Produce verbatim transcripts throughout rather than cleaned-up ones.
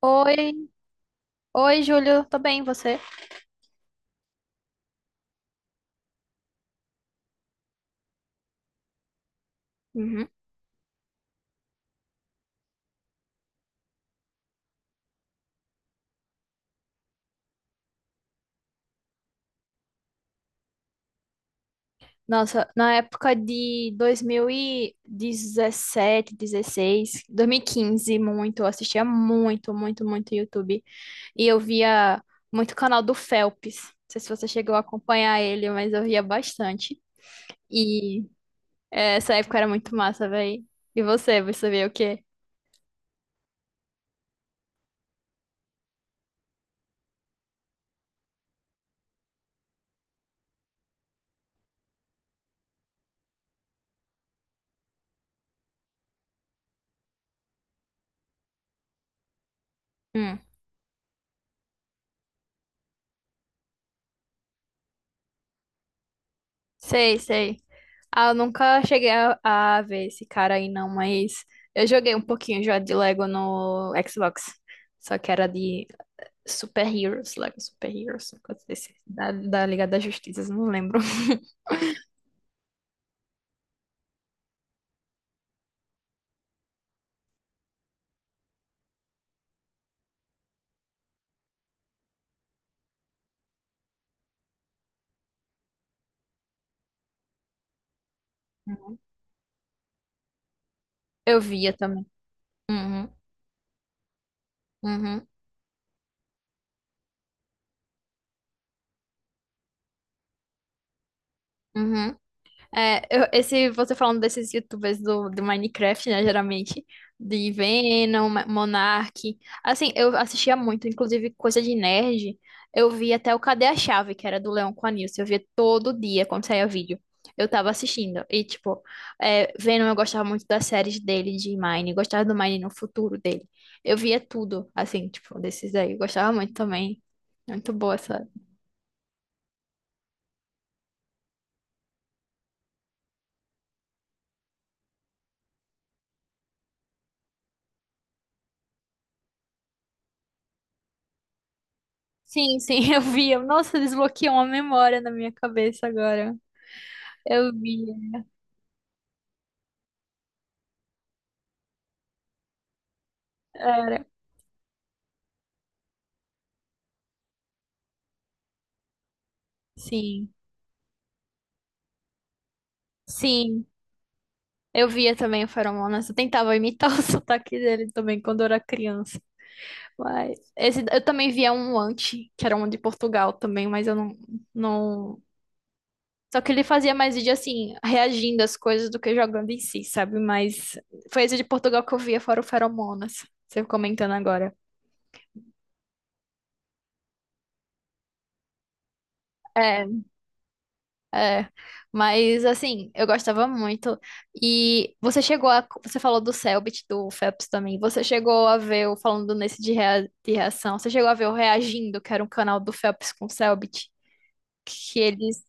Oi, oi, Júlio, tô bem, e você? Uhum. Nossa, na época de dois mil e dezessete, dezesseis, dois mil e quinze, muito, eu assistia muito, muito, muito YouTube. E eu via muito canal do Phelps. Não sei se você chegou a acompanhar ele, mas eu via bastante. E é, essa época era muito massa, velho. E você, você via o quê? Hum, sei, sei. Ah, eu nunca cheguei a, a ver esse cara aí, não, mas eu joguei um pouquinho já de Lego no Xbox. Só que era de Super Heroes, Lego Super Heroes, uma coisa desse, da, da Liga da Justiça, não lembro. Eu via também. Uhum, uhum, uhum. É, eu- esse, você falando desses youtubers do, do Minecraft, né, geralmente, de Venom, Ma- Monark, assim, eu assistia muito, inclusive coisa de nerd, eu via até o Cadê a Chave, que era do Leão com a Nilce, eu via todo dia quando saía vídeo, eu tava assistindo, e tipo, é, Venom eu gostava muito das séries dele de Mine, gostava do Mine no futuro dele, eu via tudo, assim, tipo, desses aí, eu gostava muito também, muito boa. Sim, sim, eu vi. Nossa, desbloqueou uma memória na minha cabeça agora. Eu via. Era. Sim. Sim. Eu via também o Feromonas. Eu tentava imitar o sotaque dele também quando eu era criança. Mas esse, eu também via um anti, que era um de Portugal também, mas eu não, não... Só que ele fazia mais vídeo assim, reagindo às coisas do que jogando em si, sabe? Mas foi esse de Portugal que eu via, fora o Feromonas. Você comentando agora. É, É, mas assim, eu gostava muito. E você chegou a. Você falou do Selbit, do Phelps também. Você chegou a ver, o falando nesse de, rea- de reação, você chegou a ver o Reagindo, que era um canal do Phelps com o Selbit, que eles.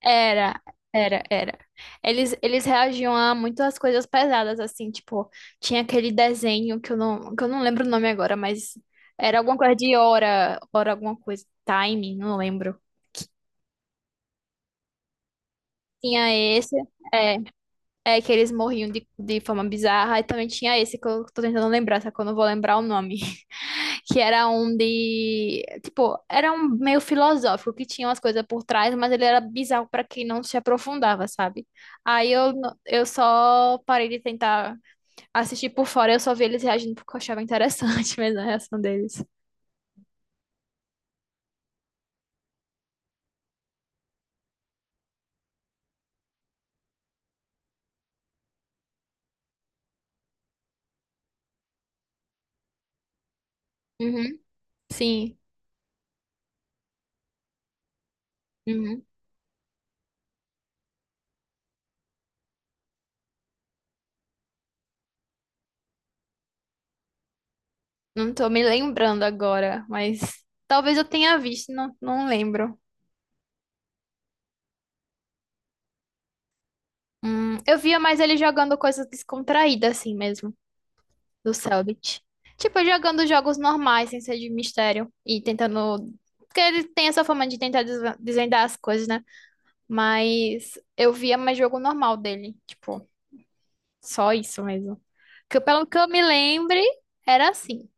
Era, era, era. Eles, eles reagiam a muitas coisas pesadas, assim, tipo, tinha aquele desenho que eu não, que eu não lembro o nome agora, mas era alguma coisa de hora, hora alguma coisa, time, não lembro. Tinha esse. é, É que eles morriam de, de forma bizarra. E também tinha esse que eu tô tentando lembrar, só que eu não vou lembrar o nome. Que era um de. Tipo, era um meio filosófico, que tinha umas coisas por trás, mas ele era bizarro pra quem não se aprofundava, sabe? Aí eu, n- eu só parei de tentar assistir por fora, eu só vi eles reagindo porque eu achava interessante mesmo a reação deles. Uhum. Sim. Uhum. Não tô me lembrando agora, mas talvez eu tenha visto, não, não lembro. Hum, eu via mais ele jogando coisas descontraídas, assim mesmo, do Cellbit. Tipo, jogando jogos normais, sem ser de mistério. E tentando. Porque ele tem essa forma de tentar desva- desvendar as coisas, né? Mas eu via mais jogo normal dele. Tipo, só isso mesmo. Que, eu- pelo que eu me lembre, era assim.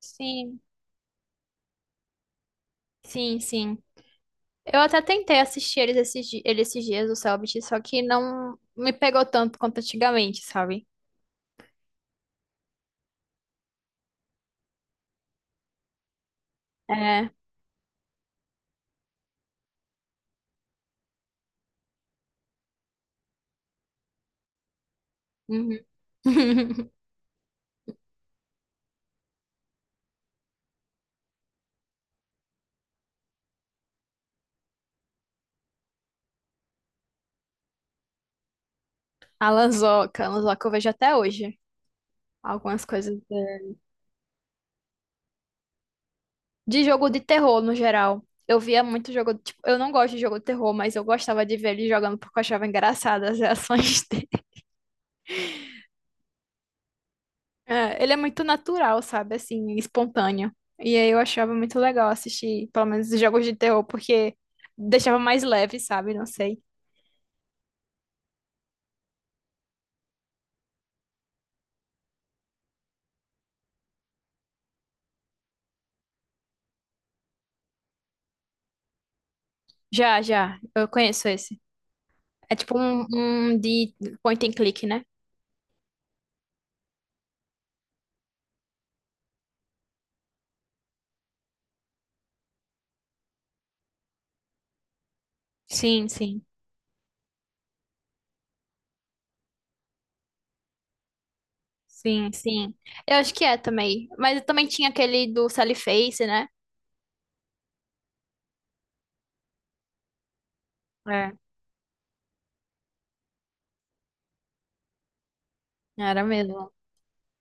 Sim, sim, sim. Eu até tentei assistir eles esses, di- ele esses dias, o Cellbit, só que não me pegou tanto quanto antigamente, sabe? É. Uhum. A Lanzoca, a Lanzoca eu vejo até hoje. Algumas coisas de, de jogo de terror no geral. Eu via muito jogo, tipo, eu não gosto de jogo de terror, mas eu gostava de ver ele jogando porque eu achava engraçadas as reações dele. É, ele é muito natural, sabe? Assim, espontâneo. E aí eu achava muito legal assistir, pelo menos, os jogos de terror, porque deixava mais leve, sabe? Não sei. Já, já, eu conheço esse. É tipo um, um, de point and click, né? Sim, sim. Sim, sim. Eu acho que é também. Mas também tinha aquele do Sally Face, né? É. Era mesmo.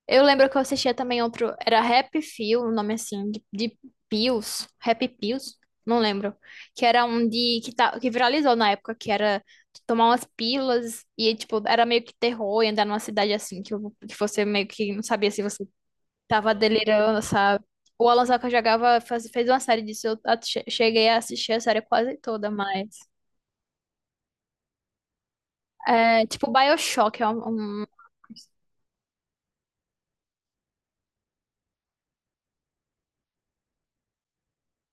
Eu lembro que eu assistia também outro. Era Rap Feel, o nome assim, de, de Pills. Rap Pills? Não lembro. Que era um de. Que, tá, que viralizou na época, que era tomar umas pílulas e, tipo, era meio que terror e andar numa cidade assim, que, o- que você meio que não sabia se você tava delirando, sabe? O Alan Saka jogava, faz- fez uma série disso. Eu a- che- cheguei a assistir a série quase toda, mas. É, tipo Bioshock, é um, um-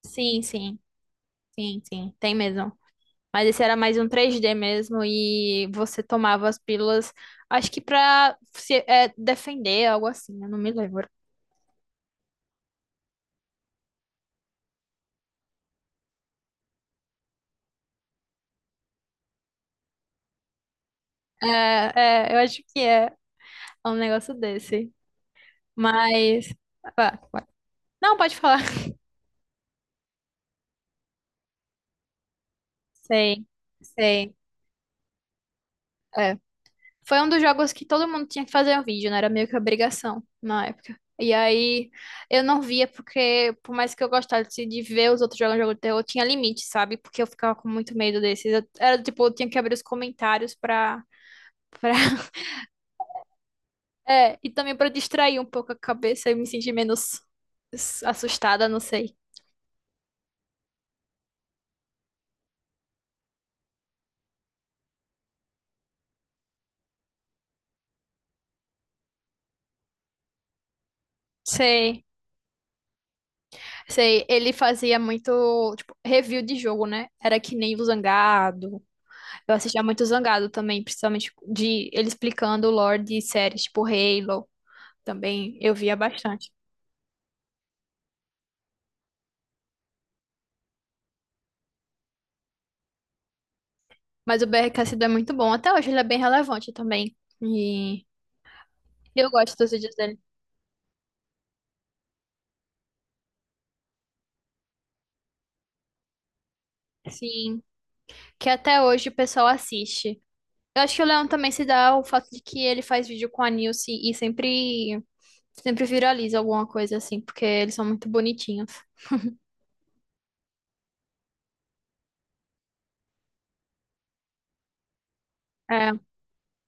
Sim, sim, sim, sim, tem mesmo. Mas esse era mais um três D mesmo e você tomava as pílulas, acho que pra se é, defender, algo assim, eu não me lembro. É, é, eu acho que é um negócio desse. Mas... ah, vai. Não, pode falar. Sei, sei. é. Foi um dos jogos que todo mundo tinha que fazer um vídeo, né? Era meio que obrigação na época. E aí eu não via porque, por mais que eu gostasse de ver os outros jogando jogo de terror, tinha limite, sabe? Porque eu ficava com muito medo desses. Eu- era do tipo, eu tinha que abrir os comentários pra, pra... É, e também pra distrair um pouco a cabeça e me sentir menos s- assustada, não sei. Sei, sei. Ele fazia muito, tipo, review de jogo, né? Era que nem o Zangado. Eu assistia muito Zangado também, principalmente de ele explicando o lore de séries tipo Halo, também eu via bastante. Mas o B R Cassidy é muito bom, até hoje ele é bem relevante também. E eu gosto dos vídeos dele. Sim, que até hoje o pessoal assiste. Eu acho que o Leão também se dá o fato de que ele faz vídeo com a Nilce e sempre sempre viraliza alguma coisa assim, porque eles são muito bonitinhos. É,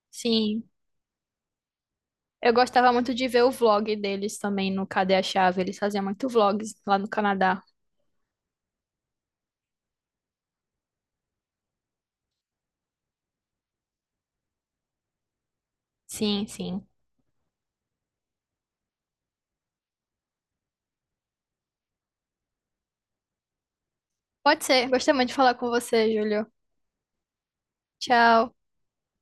sim. Eu gostava muito de ver o vlog deles também no Cadê a Chave. Eles faziam muito vlogs lá no Canadá. Sim, sim. Pode ser. Gostei muito de falar com você, Júlio. Tchau.